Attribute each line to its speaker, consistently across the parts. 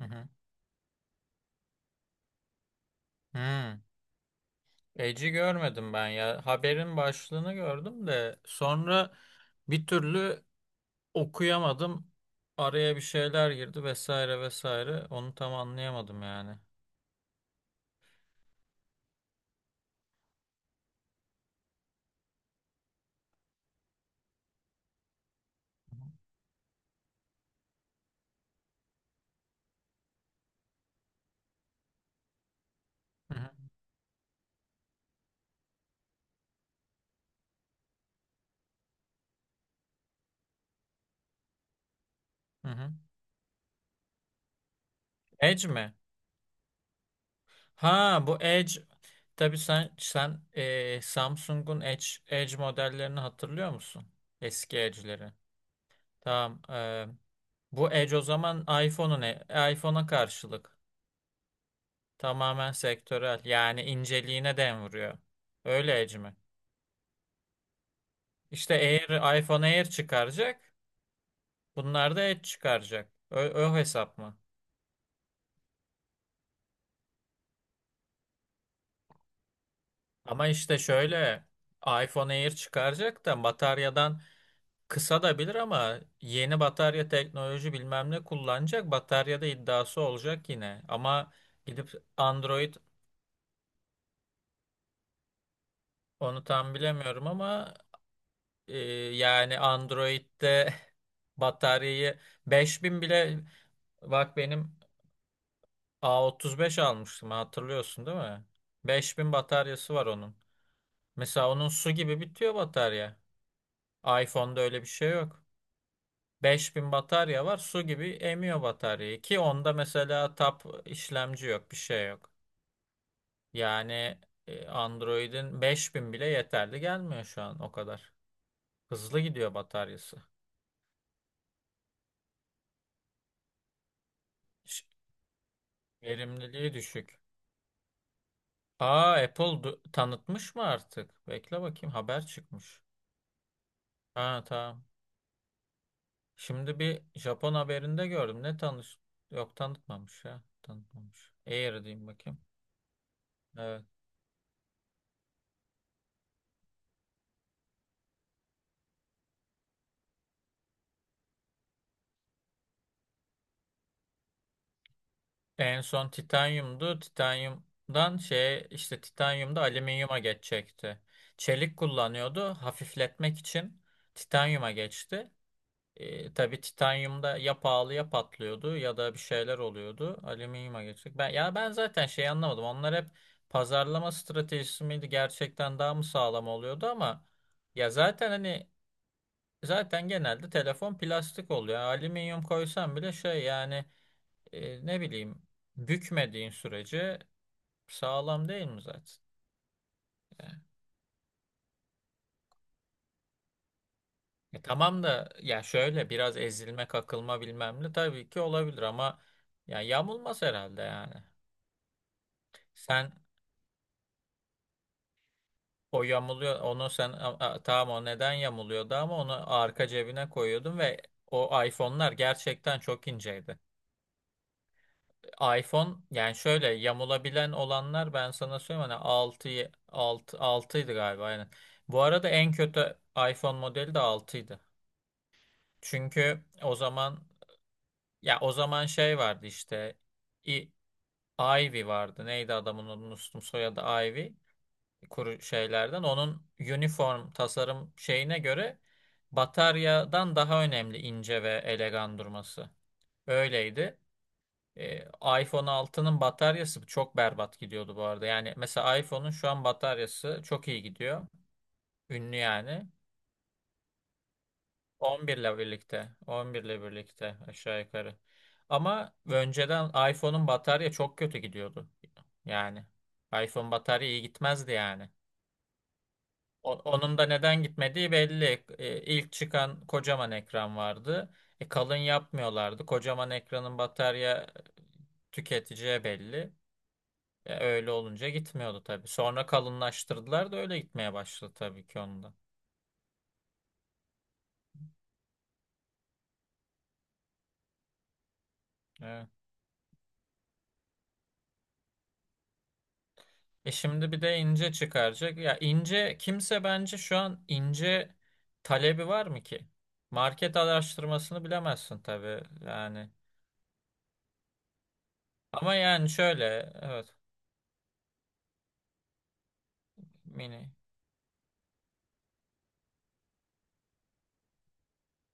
Speaker 1: Hı hı. Hmm. Eci görmedim ben ya. Haberin başlığını gördüm de sonra bir türlü okuyamadım. Araya bir şeyler girdi vesaire vesaire. Onu tam anlayamadım yani. Hı hı. Hı hı. Edge mi? Ha bu Edge. Tabii sen Samsung'un Edge modellerini hatırlıyor musun? Eski Edge'leri. Tamam. Bu Edge o zaman iPhone'a karşılık. Tamamen sektörel. Yani inceliğine dem vuruyor. Öyle Edge mi? İşte Air, iPhone Air çıkaracak. Bunlar da Edge çıkaracak. O hesap mı? Ama işte şöyle iPhone Air çıkaracak da bataryadan kısa da bilir ama yeni batarya teknoloji bilmem ne kullanacak. Bataryada iddiası olacak yine. Ama gidip Android onu tam bilemiyorum ama e, yani Android'de bataryayı 5000 bile. Bak benim A35 almıştım, hatırlıyorsun değil mi? 5000 bataryası var onun. Mesela onun su gibi bitiyor batarya. iPhone'da öyle bir şey yok. 5000 batarya var, su gibi emiyor bataryayı ki onda mesela tap işlemci yok, bir şey yok. Yani Android'in 5000 bile yeterli gelmiyor şu an o kadar. Hızlı gidiyor bataryası. Ş- Verimliliği düşük. Aa Apple tanıtmış mı artık? Bekle bakayım, haber çıkmış. Ha tamam. Şimdi bir Japon haberinde gördüm. Ne tanış? Yok tanıtmamış ya. Tanıtmamış. Air diyeyim bakayım. Evet. En son titanyumdu. Titanyumdan şey işte titanyumda alüminyuma geçecekti. Çelik kullanıyordu. Hafifletmek için titanyuma geçti. Tabii titanyumda ya pahalı ya patlıyordu ya da bir şeyler oluyordu. Alüminyuma geçecek. Ya ben zaten şey anlamadım. Onlar hep pazarlama stratejisi miydi? Gerçekten daha mı sağlam oluyordu ama ya zaten hani zaten genelde telefon plastik oluyor. Yani alüminyum koysam bile şey yani ne bileyim, bükmediğin sürece sağlam değil mi zaten? Yani, tamam da ya şöyle biraz ezilme kakılma bilmem ne tabii ki olabilir ama ya yamulmaz herhalde yani. Sen o yamuluyor, onu sen tamam, o neden yamuluyordu ama onu arka cebine koyuyordun ve o iPhone'lar gerçekten çok inceydi. iPhone yani şöyle yamulabilen olanlar ben sana söyleyeyim hani 6 altıydı galiba aynen. Bu arada en kötü iPhone modeli de altıydı. Çünkü o zaman ya o zaman şey vardı işte, i, Ivy vardı. Neydi adamın adını unuttum, soyadı Ivy. Kuru şeylerden. Onun uniform tasarım şeyine göre bataryadan daha önemli ince ve elegan durması. Öyleydi. E, iPhone altının bataryası çok berbat gidiyordu bu arada. Yani mesela iPhone'un şu an bataryası çok iyi gidiyor. Ünlü yani. 11 ile birlikte. 11 ile birlikte aşağı yukarı. Ama önceden iPhone'un batarya çok kötü gidiyordu. Yani iPhone batarya iyi gitmezdi yani. Onun da neden gitmediği belli. İlk çıkan kocaman ekran vardı. Kalın yapmıyorlardı. Kocaman ekranın batarya tüketeceği belli. Ya öyle olunca gitmiyordu tabii. Sonra kalınlaştırdılar da öyle gitmeye başladı tabii ki onda. Evet. Şimdi bir de ince çıkaracak. Ya ince kimse bence şu an ince talebi var mı ki? Market araştırmasını bilemezsin tabii yani. Ama yani şöyle evet, mini.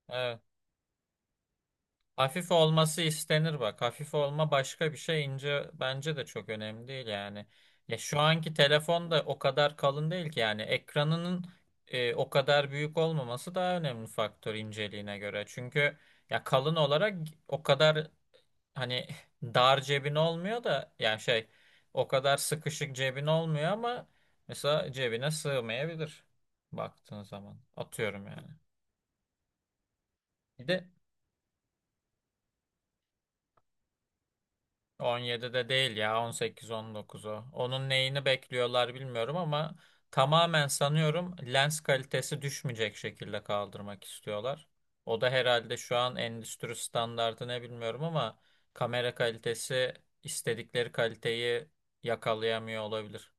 Speaker 1: Evet. Hafif olması istenir bak. Hafif olma başka bir şey. İnce bence de çok önemli değil yani. Ya şu anki telefon da o kadar kalın değil ki yani ekranının o kadar büyük olmaması daha önemli faktör inceliğine göre. Çünkü ya kalın olarak o kadar hani dar cebin olmuyor da yani şey o kadar sıkışık cebin olmuyor ama mesela cebine sığmayabilir baktığın zaman. Atıyorum yani. Bir de 17'de değil ya, 18-19'u. Onun neyini bekliyorlar bilmiyorum ama tamamen sanıyorum lens kalitesi düşmeyecek şekilde kaldırmak istiyorlar. O da herhalde şu an endüstri standardı ne bilmiyorum ama kamera kalitesi istedikleri kaliteyi yakalayamıyor olabilir.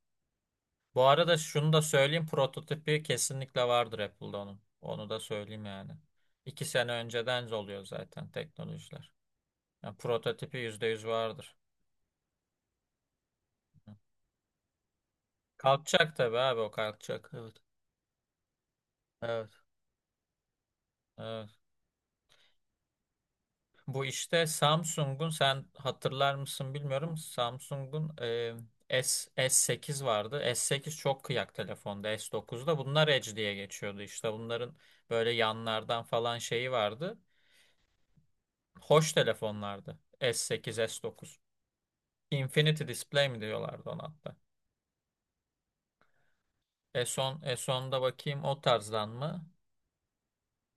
Speaker 1: Bu arada şunu da söyleyeyim, prototipi kesinlikle vardır Apple'da onun. Onu da söyleyeyim yani. 2 sene önceden oluyor zaten teknolojiler. Yani prototipi %100 vardır. Kalkacak tabii abi, o kalkacak. Evet. Evet. Evet. Bu işte Samsung'un, sen hatırlar mısın bilmiyorum. Samsung'un S8 vardı. S8 çok kıyak telefonda. S9'da bunlar Edge diye geçiyordu. İşte bunların böyle yanlardan falan şeyi vardı. Hoş telefonlardı. S8, S9. Infinity Display mi diyorlardı ona hatta. S10, S10'da bakayım o tarzdan mı?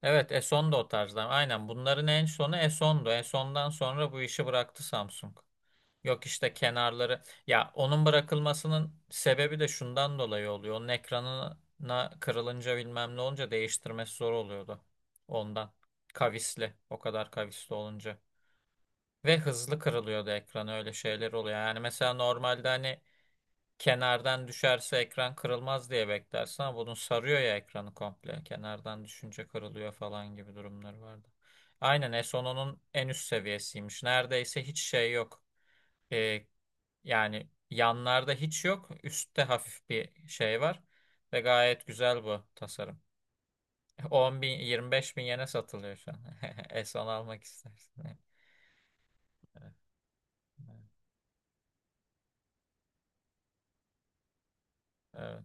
Speaker 1: Evet, Eson da o tarzda. Aynen bunların en sonu Eson'du. Eson'dan sonra bu işi bıraktı Samsung. Yok işte kenarları. Ya onun bırakılmasının sebebi de şundan dolayı oluyor. Onun ekranına kırılınca bilmem ne olunca değiştirmesi zor oluyordu. Ondan. Kavisli. O kadar kavisli olunca. Ve hızlı kırılıyordu ekran, öyle şeyler oluyor. Yani mesela normalde hani kenardan düşerse ekran kırılmaz diye beklersin ama bunun sarıyor ya ekranı komple. Kenardan düşünce kırılıyor falan gibi durumları vardı. Aynen S10'un en üst seviyesiymiş. Neredeyse hiç şey yok. Ee, yani yanlarda hiç yok. Üstte hafif bir şey var. Ve gayet güzel bu tasarım. 10.000, 25.000 yene satılıyor şu an. S10 almak istersin. Evet. Evet. Evet.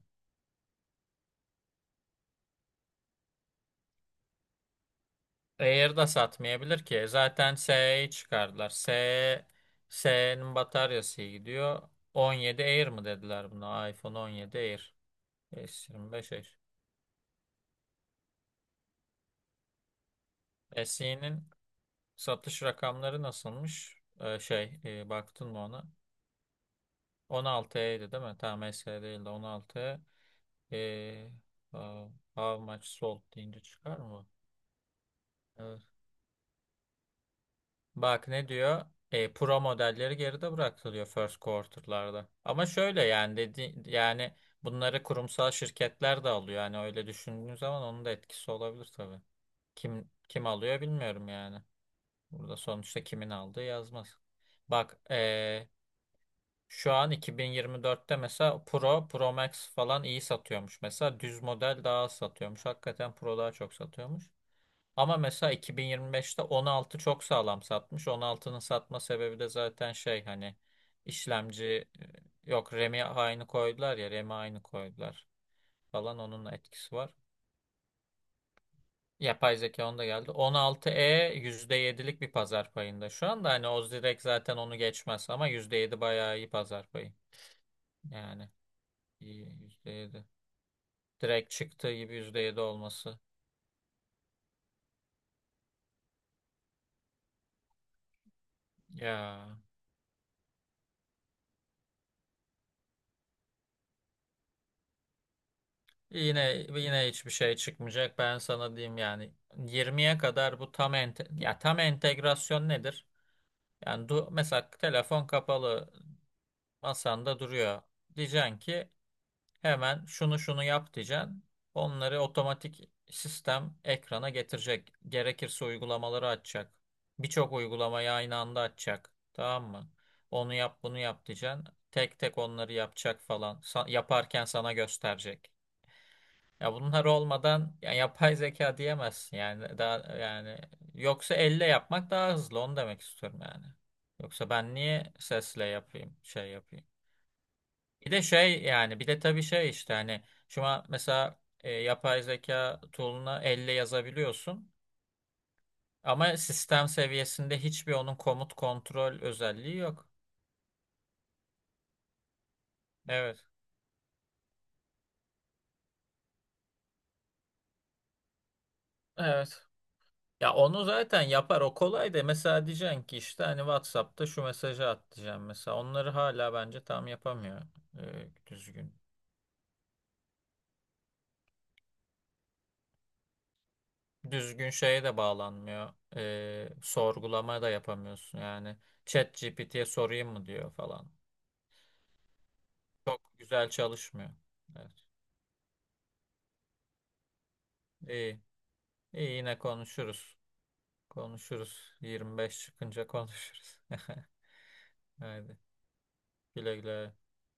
Speaker 1: Air da satmayabilir ki. Zaten SE'yi çıkardılar. SE, SE'nin bataryası iyi gidiyor. 17 Air mı dediler buna? iPhone 17 Air. S25 Air. SE'nin satış rakamları nasılmış? Şey, baktın mı ona? 16E'ydi değil mi? Tamam SE değil de 16E. Ee, how much sold deyince çıkar mı bu? Ee, Bak ne diyor? Pro modelleri geride bıraktı diyor first quarter'larda. Ama şöyle yani dedi yani bunları kurumsal şirketler de alıyor. Yani öyle düşündüğün zaman onun da etkisi olabilir tabii. Kim alıyor bilmiyorum yani. Burada sonuçta kimin aldığı yazmaz. Bak şu an 2024'te mesela Pro, Pro Max falan iyi satıyormuş. Mesela düz model daha az satıyormuş. Hakikaten Pro daha çok satıyormuş. Ama mesela 2025'te 16 çok sağlam satmış. 16'nın satma sebebi de zaten şey hani işlemci, yok, RAM'i aynı koydular ya, RAM'i aynı koydular falan, onun etkisi var. Yapay zeka onda geldi. 16e %7'lik bir pazar payında. Şu anda hani o direkt zaten onu geçmez ama %7 bayağı iyi pazar payı. Yani iyi %7. Direkt çıktığı gibi %7 olması. Ya, yine hiçbir şey çıkmayacak. Ben sana diyeyim yani 20'ye kadar bu tam ente ya tam entegrasyon nedir? Yani mesela telefon kapalı masanda duruyor. Diyeceksin ki hemen şunu şunu yap diyeceksin. Onları otomatik sistem ekrana getirecek. Gerekirse uygulamaları açacak. Birçok uygulamayı aynı anda açacak. Tamam mı? Onu yap bunu yap diyeceksin. Tek tek onları yapacak falan. Yaparken sana gösterecek. Ya bunlar olmadan ya yapay zeka diyemezsin yani daha yani yoksa elle yapmak daha hızlı, onu demek istiyorum yani. Yoksa ben niye sesle yapayım, şey yapayım. Bir de şey yani bir de tabii şey işte hani şu an mesela yapay zeka tool'una elle yazabiliyorsun ama sistem seviyesinde hiçbir onun komut kontrol özelliği yok. Evet. Evet. Ya onu zaten yapar o kolay da mesela diyeceksin ki işte hani WhatsApp'ta şu mesajı at diyeceğim mesela onları hala bence tam yapamıyor düzgün. Düzgün şeye de bağlanmıyor, sorgulama da yapamıyorsun yani ChatGPT'ye sorayım mı diyor falan. Çok güzel çalışmıyor. Evet. İyi. İyi yine konuşuruz. Konuşuruz. 25 çıkınca konuşuruz. Haydi güle güle.